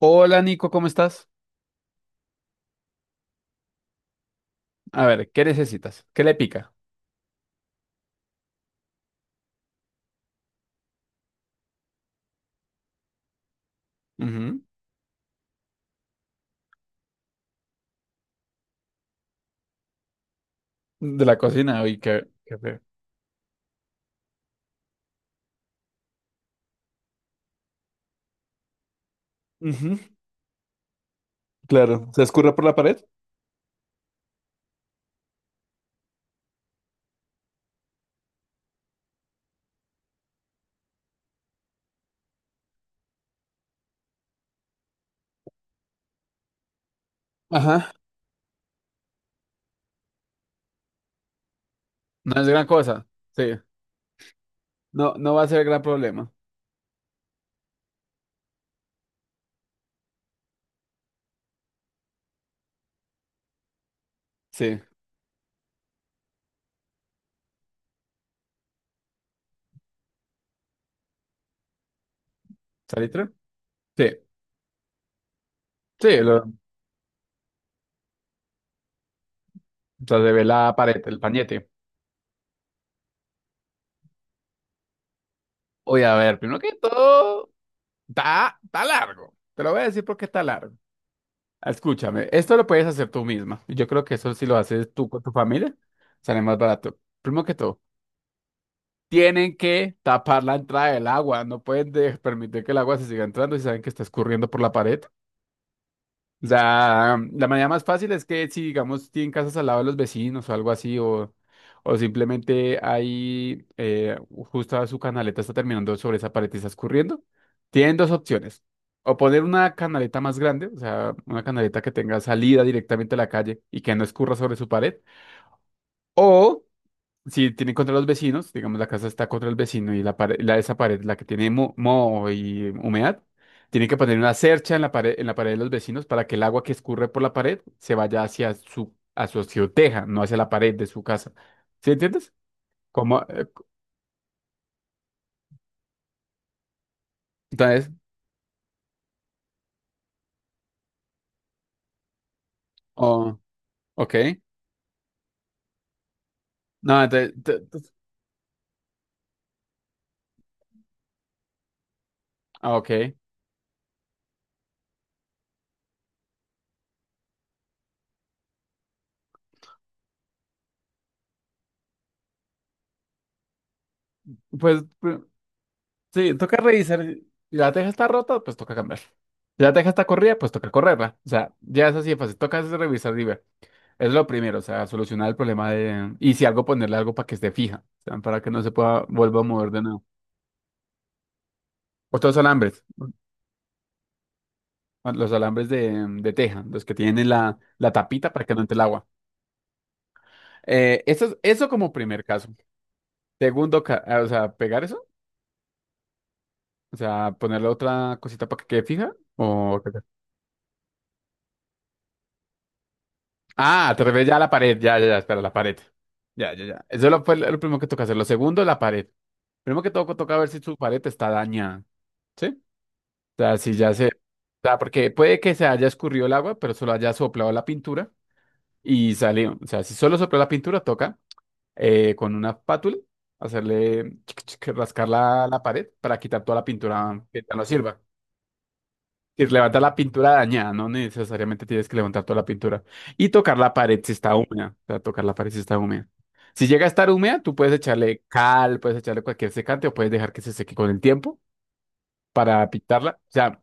Hola Nico, ¿cómo estás? A ver, ¿qué necesitas? ¿Qué le pica? Ujú. De la cocina, uy, qué feo. Ujú, claro, se escurre por la pared. Ajá, no es gran cosa. Sí, no, no va a ser gran problema. Sí, ¿salitre? Sí, sí, lo, o sea, se ve la pared, el pañete. Oye, a ver, primero que todo, está largo. Te lo voy a decir porque está largo. Escúchame, esto lo puedes hacer tú misma. Yo creo que eso si lo haces tú con tu familia, sale más barato. Primero que todo, tienen que tapar la entrada del agua, no pueden permitir que el agua se siga entrando si saben que está escurriendo por la pared. O sea, la manera más fácil es que si, digamos, tienen casas al lado de los vecinos o algo así, o simplemente ahí, justo su canaleta está terminando sobre esa pared y está escurriendo, tienen dos opciones. O poner una canaleta más grande, o sea, una canaleta que tenga salida directamente a la calle y que no escurra sobre su pared. O si tiene contra los vecinos, digamos la casa está contra el vecino y la pared, la, esa pared, la que tiene moho y humedad, tiene que poner una cercha en la pared de los vecinos para que el agua que escurre por la pared se vaya hacia su, a su azoteja, no hacia la pared de su casa. ¿Sí entiendes? Como, entonces, oh, ok. No, entonces, ah, ok. Pues, pues, sí, toca revisar. Si la teja está rota, pues toca cambiar. Si la teja está corrida, pues toca correrla. O sea, ya es así de fácil. Toca es revisar y ver. Es lo primero, o sea, solucionar el problema de... Y si algo, ponerle algo para que esté fija, o sea, para que no se pueda, vuelva a mover de nuevo. Otros alambres, bueno, los alambres de teja, los que tienen la, la tapita para que no entre el agua. Eso, eso como primer caso. Segundo, ah, o sea, pegar eso, o sea, ponerle otra cosita para que quede fija. O... Ah, te refieres ya a la pared, ya, ya, ya, espera, la pared. Ya, ya, ya. Eso fue lo primero que toca hacer. Lo segundo, la pared. Primero que todo, toca ver si su pared está dañada. ¿Sí? Sea, si ya se... O sea, porque puede que se haya escurrido el agua, pero solo haya soplado la pintura y salió. O sea, si solo sopló la pintura, toca con una espátula hacerle chic, chic, rascar la, la pared para quitar toda la pintura que ya no sirva. Y levanta la pintura dañada, no necesariamente tienes que levantar toda la pintura. Y tocar la pared si está húmeda. O sea, tocar la pared si está húmeda. Si llega a estar húmeda, tú puedes echarle cal, puedes echarle cualquier secante o puedes dejar que se seque con el tiempo para pintarla. O sea,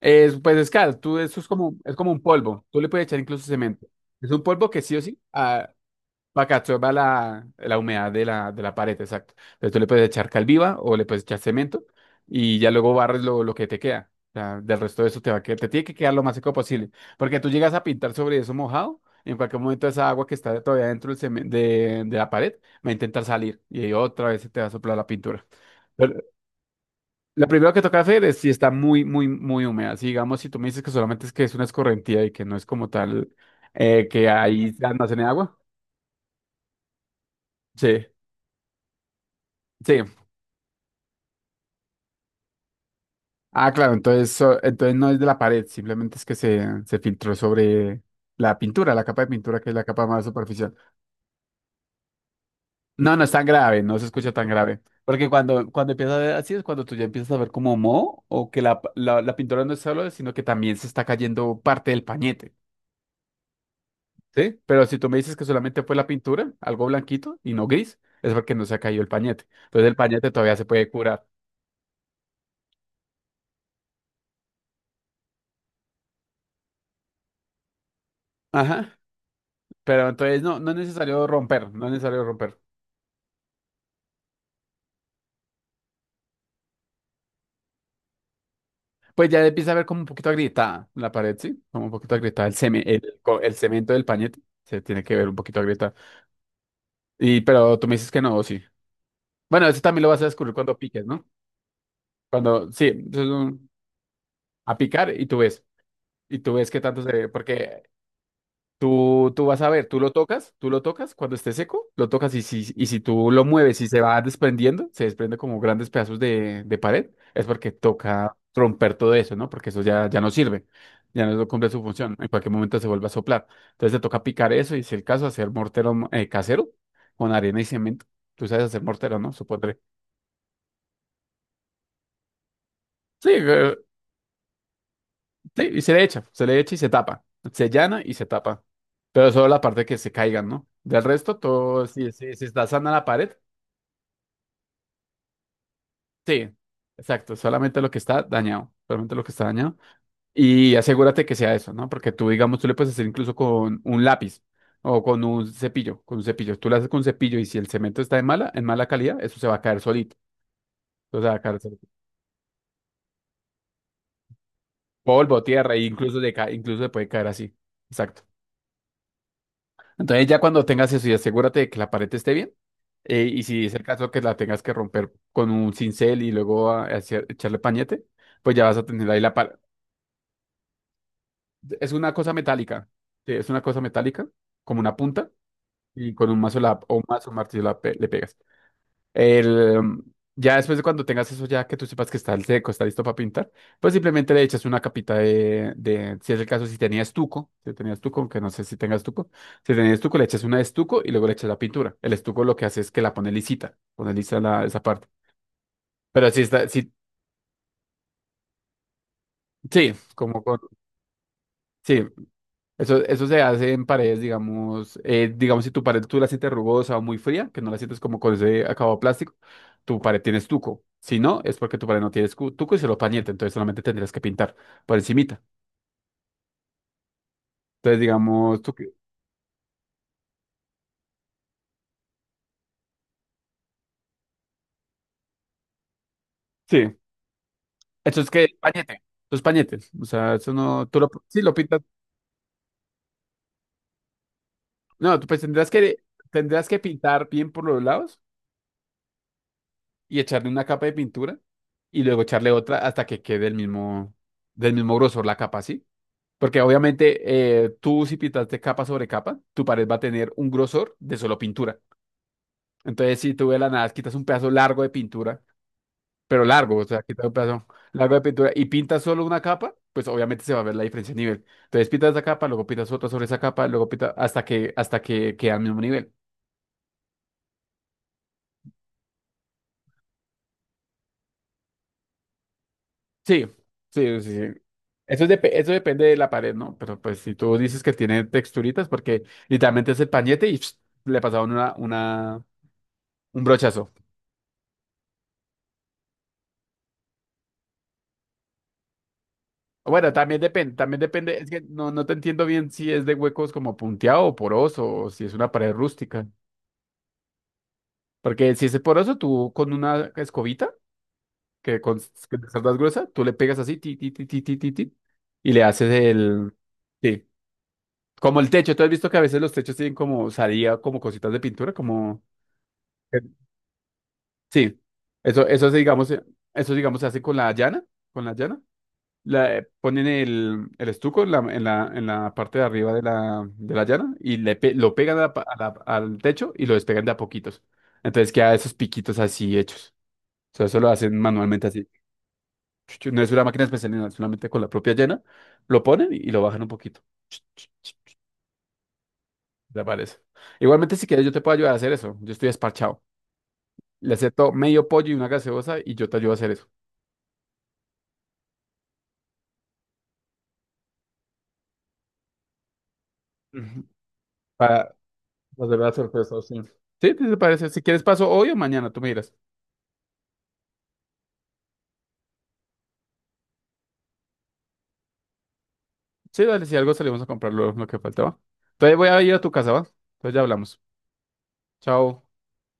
es, pues es claro, tú, eso es como un polvo. Tú le puedes echar incluso cemento. Es un polvo que sí o sí para que absorba la, la humedad de la pared, exacto. Entonces tú le puedes echar cal viva o le puedes echar cemento y ya luego barres lo que te queda. O sea, del resto de eso te va a quedar, te tiene que quedar lo más seco posible. Porque tú llegas a pintar sobre eso mojado, en cualquier momento esa agua que está todavía dentro del de la pared va a intentar salir y ahí otra vez se te va a soplar la pintura. Lo primero que toca hacer es si está muy, muy, muy húmeda. Si digamos, si tú me dices que solamente es que es una escorrentía y que no es como tal que ahí se almacene agua. Sí, sí. Ah, claro, entonces, entonces no es de la pared, simplemente es que se filtró sobre la pintura, la capa de pintura, que es la capa más superficial. No, no es tan grave, no se escucha tan grave. Porque cuando empiezas a ver así es cuando tú ya empiezas a ver como moho o que la pintura no es solo, sino que también se está cayendo parte del pañete. ¿Sí? Pero si tú me dices que solamente fue la pintura, algo blanquito y no gris, es porque no se ha caído el pañete. Entonces el pañete todavía se puede curar. Ajá, pero entonces no, no es necesario romper, no es necesario romper. Pues ya empieza a ver como un poquito agrietada la pared, ¿sí? Como un poquito agrietada el, el, el cemento del pañete. Se tiene que ver un poquito agrietada. Y, pero tú me dices que no, sí. Bueno, eso también lo vas a descubrir cuando piques, ¿no? Cuando, sí, eso es un- a picar y tú ves. Y tú ves qué tanto se ve. Porque tú vas a ver, tú lo tocas cuando esté seco, lo tocas y si tú lo mueves y se va desprendiendo, se desprende como grandes pedazos de pared, es porque toca romper todo eso, ¿no? Porque eso ya, ya no sirve, ya no cumple su función, en cualquier momento se vuelve a soplar. Entonces te toca picar eso y si el caso, hacer mortero casero con arena y cemento. Tú sabes hacer mortero, ¿no? Supondré. Sí, sí, y se le echa y se tapa, se llana y se tapa. Pero solo la parte que se caigan, ¿no? Del resto, todo, si, si, si está sana la pared, sí, exacto, solamente lo que está dañado, solamente lo que está dañado. Y asegúrate que sea eso, ¿no? Porque tú, digamos, tú le puedes hacer incluso con un lápiz o con un cepillo, con un cepillo. Tú lo haces con un cepillo y si el cemento está en mala calidad, eso se va a caer solito. Eso se va a caer solito. Polvo, tierra, e incluso, incluso le puede caer así. Exacto. Entonces ya cuando tengas eso y asegúrate de que la pared esté bien, y si es el caso que la tengas que romper con un cincel y luego echarle pañete, pues ya vas a tener ahí la, pa- Es una cosa metálica. Sí, es una cosa metálica, como una punta, y con un mazo o un mazo, un martillo le pegas. El, ya después de cuando tengas eso, ya que tú sepas que está el seco, está listo para pintar, pues simplemente le echas una capita de, si es el caso, si tenías estuco, si tenías estuco, aunque no sé si tengas estuco, si tenías estuco, le echas una de estuco y luego le echas la pintura. El estuco lo que hace es que la pone lisita, pone lisa esa parte. Pero si está, si, sí, como con, sí, eso se hace en paredes, digamos, digamos si tu pared tú la sientes rugosa o muy fría, que no la sientes como con ese acabado plástico, tu pared tiene estuco. Si no, es porque tu pared no tiene estuco y se lo pañete, entonces solamente tendrías que pintar por encimita. Entonces, digamos, tú que- Sí, eso es que pañete, eso es pañete, o sea, eso no, tú lo, sí lo pintas, no, tú pues tendrás que pintar bien por los lados y echarle una capa de pintura y luego echarle otra hasta que quede el mismo, del mismo grosor la capa, ¿sí? Porque obviamente tú si pintaste capa sobre capa, tu pared va a tener un grosor de solo pintura. Entonces si tú de la nada quitas un pedazo largo de pintura, pero largo, o sea, quitas un pedazo largo de pintura y pintas solo una capa, pues obviamente se va a ver la diferencia de nivel. Entonces pintas esa capa, luego pintas otra sobre esa capa, luego pintas hasta que queda al mismo nivel. Sí, sí, sí, sí. Eso, es eso depende de la pared, ¿no? Pero pues si tú dices que tiene texturitas, porque literalmente es el pañete y le pasaron una, un brochazo. Bueno, también depende, es que no, no te entiendo bien si es de huecos como punteado o poroso, o si es una pared rústica. Porque si es poroso, tú con una escobita, que con que te cerdas gruesa, tú le pegas así, ti, ti, ti, ti, ti, ti, ti, y le haces el, sí, como el techo. ¿Tú has visto que a veces los techos tienen como salida, como cositas de pintura, como, sí, eso se, digamos, eso digamos se hace con la llana, con la llana. La, ponen el estuco en la, en la, en la parte de arriba de la llana y lo pegan a la al techo y lo despegan de a poquitos. Entonces queda esos piquitos así hechos. O sea, eso lo hacen manualmente así. No es una máquina especial, no, solamente con la propia llana lo ponen y lo bajan un poquito. Ch- ch- ch- Desaparece. Igualmente, si quieres, yo te puedo ayudar a hacer eso. Yo estoy esparchado. Le acepto medio pollo y una gaseosa y yo te ayudo a hacer eso. Ujú. Para volver a sorpresas sí. Sí, ¿te parece? Si quieres, paso hoy o mañana, tú me dirás. Sí, dale, si algo salimos a comprar lo que faltaba. Entonces voy a ir a tu casa, ¿va? Entonces ya hablamos. Chao.